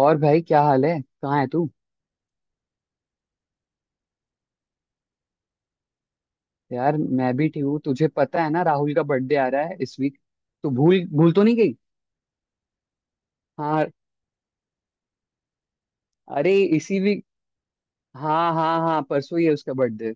और भाई, क्या हाल है। कहाँ है तू। यार, मैं भी ठीक हूँ। तुझे पता है ना, राहुल का बर्थडे आ रहा है इस वीक। तू भूल भूल तो नहीं गई। हाँ, अरे इसी वीक। हाँ हाँ हाँ, परसों ही है उसका बर्थडे।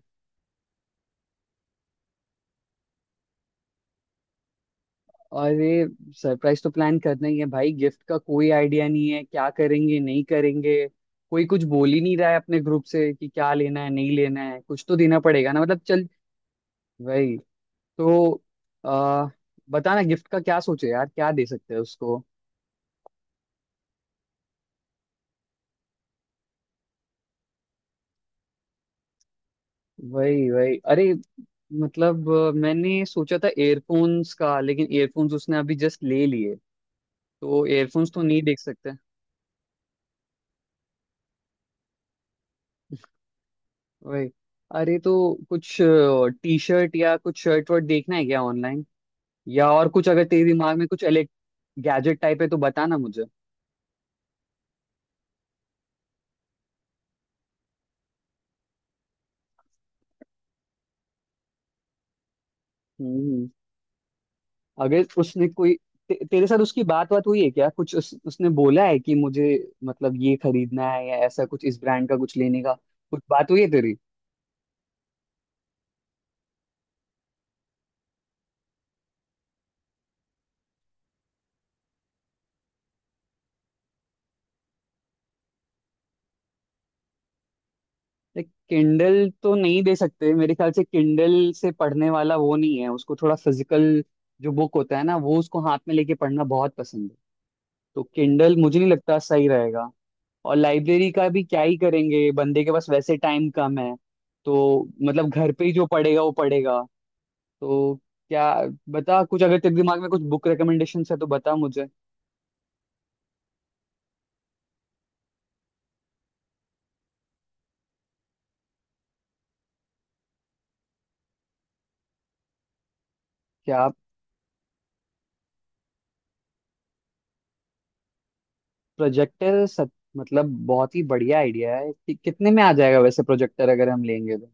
अरे, सरप्राइज तो प्लान करना ही है भाई। गिफ्ट का कोई आइडिया नहीं है, क्या करेंगे नहीं करेंगे। कोई कुछ बोल ही नहीं रहा है अपने ग्रुप से कि क्या लेना है नहीं लेना है। कुछ तो देना पड़ेगा ना, मतलब। चल। वही। तो आ, बताना, गिफ्ट का क्या सोचे यार, क्या दे सकते हैं उसको। वही वही। अरे, मतलब मैंने सोचा था एयरफोन्स का, लेकिन एयरफोन्स उसने अभी जस्ट ले लिए। तो एयरफोन्स तो नहीं देख सकते। वही। अरे, तो कुछ टी शर्ट या कुछ शर्ट वर्ट देखना है क्या ऑनलाइन, या और कुछ अगर तेरे दिमाग में कुछ इलेक्ट गैजेट टाइप है तो बताना मुझे। हम्म। अगर उसने कोई, तेरे साथ उसकी बात बात हुई है क्या, कुछ उसने बोला है कि मुझे मतलब ये खरीदना है या ऐसा कुछ इस ब्रांड का कुछ लेने का, कुछ बात हुई है तेरी। किंडल तो नहीं दे सकते मेरे ख्याल से, किंडल से पढ़ने वाला वो नहीं है। उसको थोड़ा फिजिकल जो बुक होता है ना, वो उसको हाथ में लेके पढ़ना बहुत पसंद है। तो किंडल मुझे नहीं लगता सही रहेगा। और लाइब्रेरी का भी क्या ही करेंगे, बंदे के पास वैसे टाइम कम है। तो मतलब घर पे ही जो पढ़ेगा वो पढ़ेगा। तो क्या बता, कुछ अगर तेरे दिमाग में कुछ बुक रिकमेंडेशन है तो बता मुझे। क्या, प्रोजेक्टर। सब मतलब बहुत ही बढ़िया आइडिया है, कि कितने में आ जाएगा वैसे प्रोजेक्टर अगर हम लेंगे तो।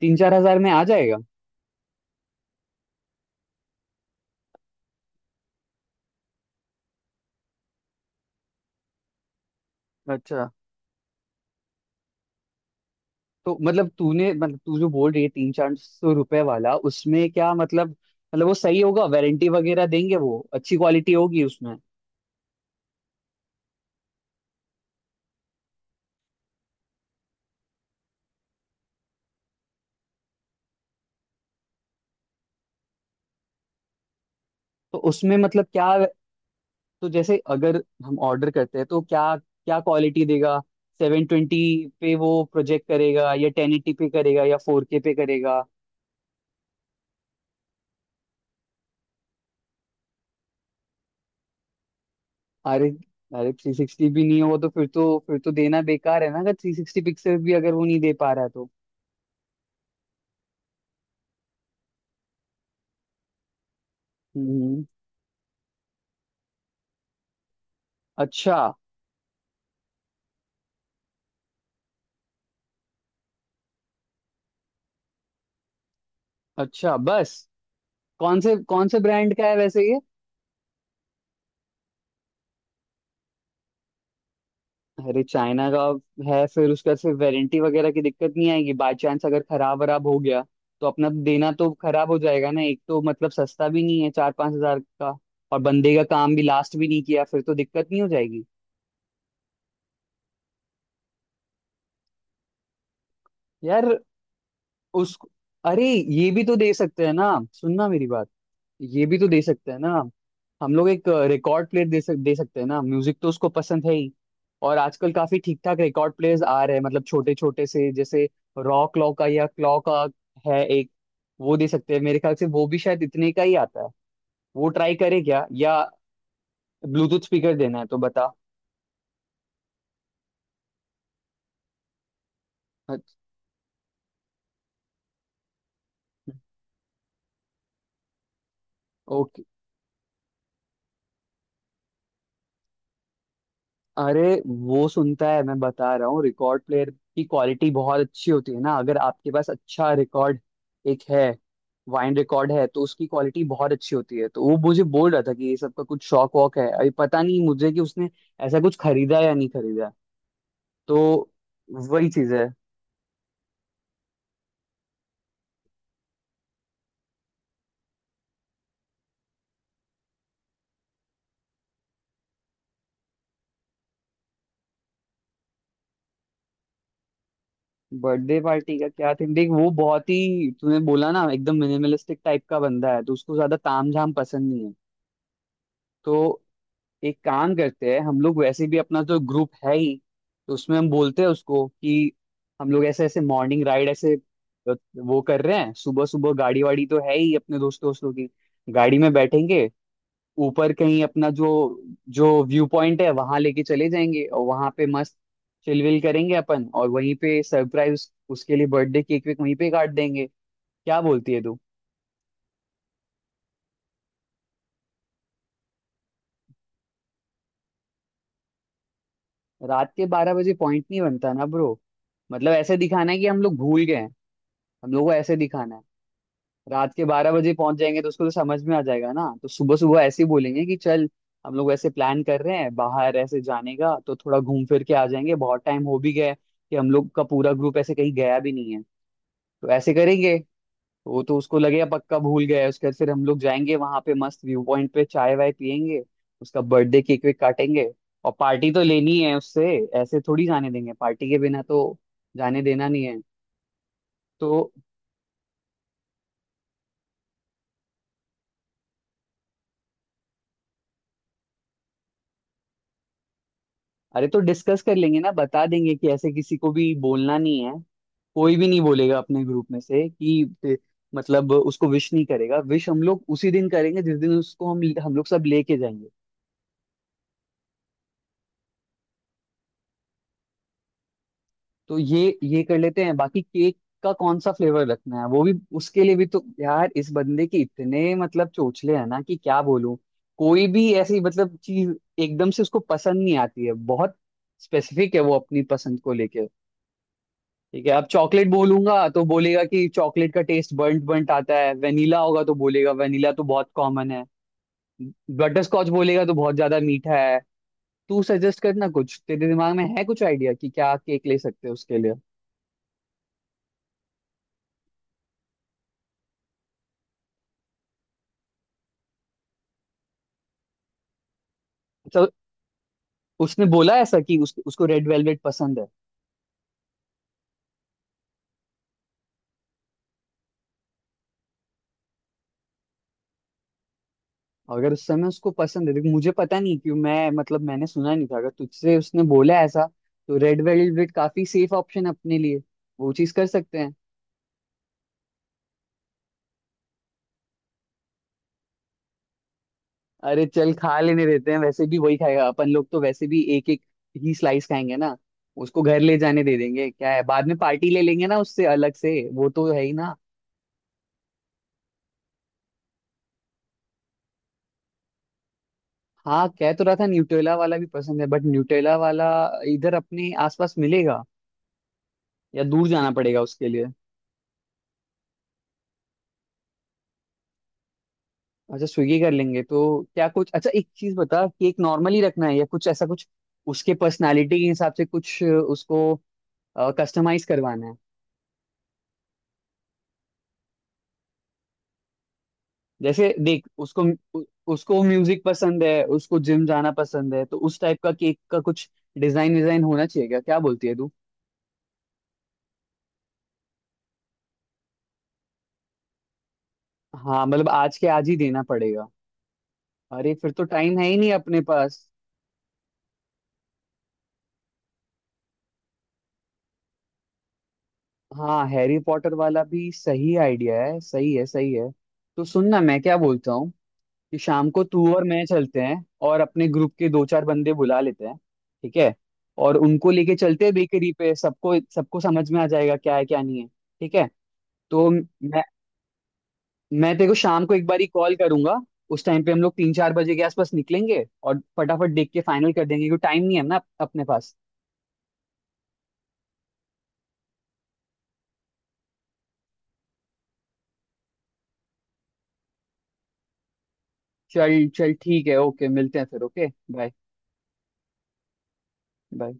3-4 हजार में आ जाएगा? अच्छा। तो मतलब तूने मतलब तू जो बोल रही है 3-4 सौ रुपए वाला, उसमें क्या मतलब, मतलब वो सही होगा, वारंटी वगैरह देंगे, वो अच्छी क्वालिटी होगी उसमें? तो उसमें मतलब क्या, तो जैसे अगर हम ऑर्डर करते हैं तो क्या क्या क्वालिटी देगा, 720 पे वो प्रोजेक्ट करेगा या 1080 पे करेगा या 4K पे करेगा। अरे, अरे 360 भी नहीं हो तो फिर तो देना बेकार है ना, अगर 360 पिक्सल भी अगर वो नहीं दे पा रहा है तो। हम्म। अच्छा। अच्छा, बस? कौन से ब्रांड का है वैसे ये? अरे, चाइना का है फिर, उसका से वारंटी वगैरह की दिक्कत नहीं आएगी? बाई चांस अगर खराब वराब हो गया तो अपना देना तो खराब हो जाएगा ना। एक तो मतलब सस्ता भी नहीं है, 4-5 हजार का। और बंदे का काम भी लास्ट भी नहीं किया, फिर तो दिक्कत नहीं हो जाएगी यार। उस अरे, ये भी तो दे सकते हैं ना, सुनना मेरी बात, ये भी तो दे सकते हैं ना हम। हम लोग एक रिकॉर्ड प्लेयर दे सकते हैं ना, म्यूजिक तो उसको पसंद है ही। और आजकल काफी ठीक ठाक रिकॉर्ड प्लेयर्स आ रहे हैं, मतलब छोटे छोटे से। जैसे रॉ क्लॉ का या क्लॉ का है एक, वो दे सकते हैं मेरे ख्याल से। वो भी शायद इतने का ही आता है। वो ट्राई करे क्या, या ब्लूटूथ स्पीकर देना है तो बता। अच्छा। ओके। अरे, वो सुनता है, मैं बता रहा हूँ। रिकॉर्ड प्लेयर की क्वालिटी बहुत अच्छी होती है ना, अगर आपके पास अच्छा रिकॉर्ड एक है, वाइन रिकॉर्ड है, तो उसकी क्वालिटी बहुत अच्छी होती है। तो वो मुझे बोल रहा था कि ये सब का कुछ शौक वॉक है, अभी पता नहीं मुझे कि उसने ऐसा कुछ खरीदा या नहीं खरीदा। तो वही चीज है। बर्थडे पार्टी का क्या थीम, देख वो बहुत ही, तूने बोला ना एकदम मिनिमलिस्टिक टाइप का बंदा है, तो उसको ज्यादा तामझाम पसंद नहीं है। तो एक काम करते हैं, हम लोग वैसे भी अपना जो ग्रुप है ही, तो उसमें हम बोलते हैं उसको कि हम लोग ऐसे ऐसे मॉर्निंग राइड ऐसे अ, वो कर रहे हैं। सुबह सुबह गाड़ी वाड़ी तो है ही अपने दोस्तों की, गाड़ी में बैठेंगे, ऊपर कहीं अपना जो जो व्यू पॉइंट है वहां लेके चले जाएंगे, और वहां पे मस्त चिलविल करेंगे अपन, और वहीं पे सरप्राइज उसके लिए बर्थडे केक वेक वहीं पे काट देंगे। क्या बोलती है तू। रात के 12 बजे पॉइंट नहीं बनता ना ब्रो। मतलब ऐसे दिखाना है कि हम लोग भूल गए हैं, हम लोग को ऐसे दिखाना है। रात के बारह बजे पहुंच जाएंगे तो उसको तो समझ में आ जाएगा ना, तो सुबह सुबह ऐसे ही बोलेंगे कि चल हम लोग ऐसे प्लान कर रहे हैं बाहर ऐसे जाने का, तो थोड़ा घूम फिर के आ जाएंगे, बहुत टाइम हो भी गया है कि हम लोग का पूरा ग्रुप ऐसे कहीं गया भी नहीं है, तो ऐसे करेंगे। तो वो तो उसको लगेगा पक्का भूल गया है। उसके बाद फिर हम लोग जाएंगे वहां पे मस्त व्यू पॉइंट पे, चाय वाय पियेंगे, उसका बर्थडे केक वेक काटेंगे। और पार्टी तो लेनी है उससे, ऐसे थोड़ी जाने देंगे पार्टी के बिना तो। जाने देना नहीं है। तो अरे, तो डिस्कस कर लेंगे ना, बता देंगे कि ऐसे किसी को भी बोलना नहीं है। कोई भी नहीं बोलेगा अपने ग्रुप में से कि मतलब उसको विश नहीं करेगा। विश हम लोग उसी दिन करेंगे जिस दिन उसको हम लोग सब लेके जाएंगे। तो ये कर लेते हैं। बाकी केक का कौन सा फ्लेवर रखना है वो भी उसके लिए भी तो यार, इस बंदे के इतने मतलब चोचले हैं ना कि क्या बोलूं। कोई भी ऐसी मतलब चीज एकदम से उसको पसंद नहीं आती है। बहुत स्पेसिफिक है वो अपनी पसंद को लेके। ठीक है, अब चॉकलेट बोलूंगा तो बोलेगा कि चॉकलेट का टेस्ट बर्nt बर्nt आता है, वेनिला होगा तो बोलेगा वेनिला तो बहुत कॉमन है, बटर स्कॉच बोलेगा तो बहुत ज्यादा मीठा है। तू सजेस्ट करना कुछ, तेरे दिमाग में है कुछ आइडिया कि क्या केक ले सकते हैं उसके लिए। तो उसने बोला ऐसा कि उसको रेड वेलवेट पसंद है? अगर उस समय उसको पसंद है, देख मुझे पता नहीं क्यों, मैं मतलब मैंने सुना नहीं था। अगर तुझसे उसने बोला ऐसा, तो रेड वेलवेट काफी सेफ ऑप्शन है अपने लिए, वो चीज कर सकते हैं। अरे चल, खा लेने देते हैं, वैसे भी वही खाएगा, अपन लोग तो वैसे भी एक एक ही स्लाइस खाएंगे ना, उसको घर ले जाने दे देंगे, क्या है, बाद में पार्टी ले लेंगे ना उससे अलग से, वो तो है ही ना। हाँ, कह तो रहा था न्यूटेला वाला भी पसंद है, बट न्यूटेला वाला इधर अपने आसपास मिलेगा या दूर जाना पड़ेगा उसके लिए। अच्छा, स्विगी कर लेंगे तो क्या, कुछ अच्छा एक चीज बता, केक नॉर्मली रखना है या कुछ ऐसा कुछ उसके पर्सनालिटी के हिसाब से कुछ उसको कस्टमाइज करवाना है? जैसे देख उसको, उ- उसको म्यूजिक पसंद है, उसको जिम जाना पसंद है, तो उस टाइप का केक का कुछ डिजाइन डिजाइन होना चाहिए, क्या क्या बोलती है तू। हाँ मतलब आज के आज ही देना पड़ेगा। अरे फिर तो टाइम है ही नहीं अपने पास। हाँ, हैरी पॉटर वाला भी सही आइडिया है, सही है, सही है। तो सुनना, मैं क्या बोलता हूँ, कि शाम को तू और मैं चलते हैं और अपने ग्रुप के दो चार बंदे बुला लेते हैं। ठीक है। और उनको लेके चलते हैं बेकरी पे, सबको सबको समझ में आ जाएगा क्या है क्या नहीं है। ठीक है। तो मैं तेरे को शाम को एक बार ही कॉल करूंगा। उस टाइम पे हम लोग 3-4 बजे के आसपास निकलेंगे और फटाफट देख के फाइनल कर देंगे क्योंकि टाइम नहीं है ना अपने पास। चल चल, ठीक है, ओके मिलते हैं फिर, ओके बाय बाय।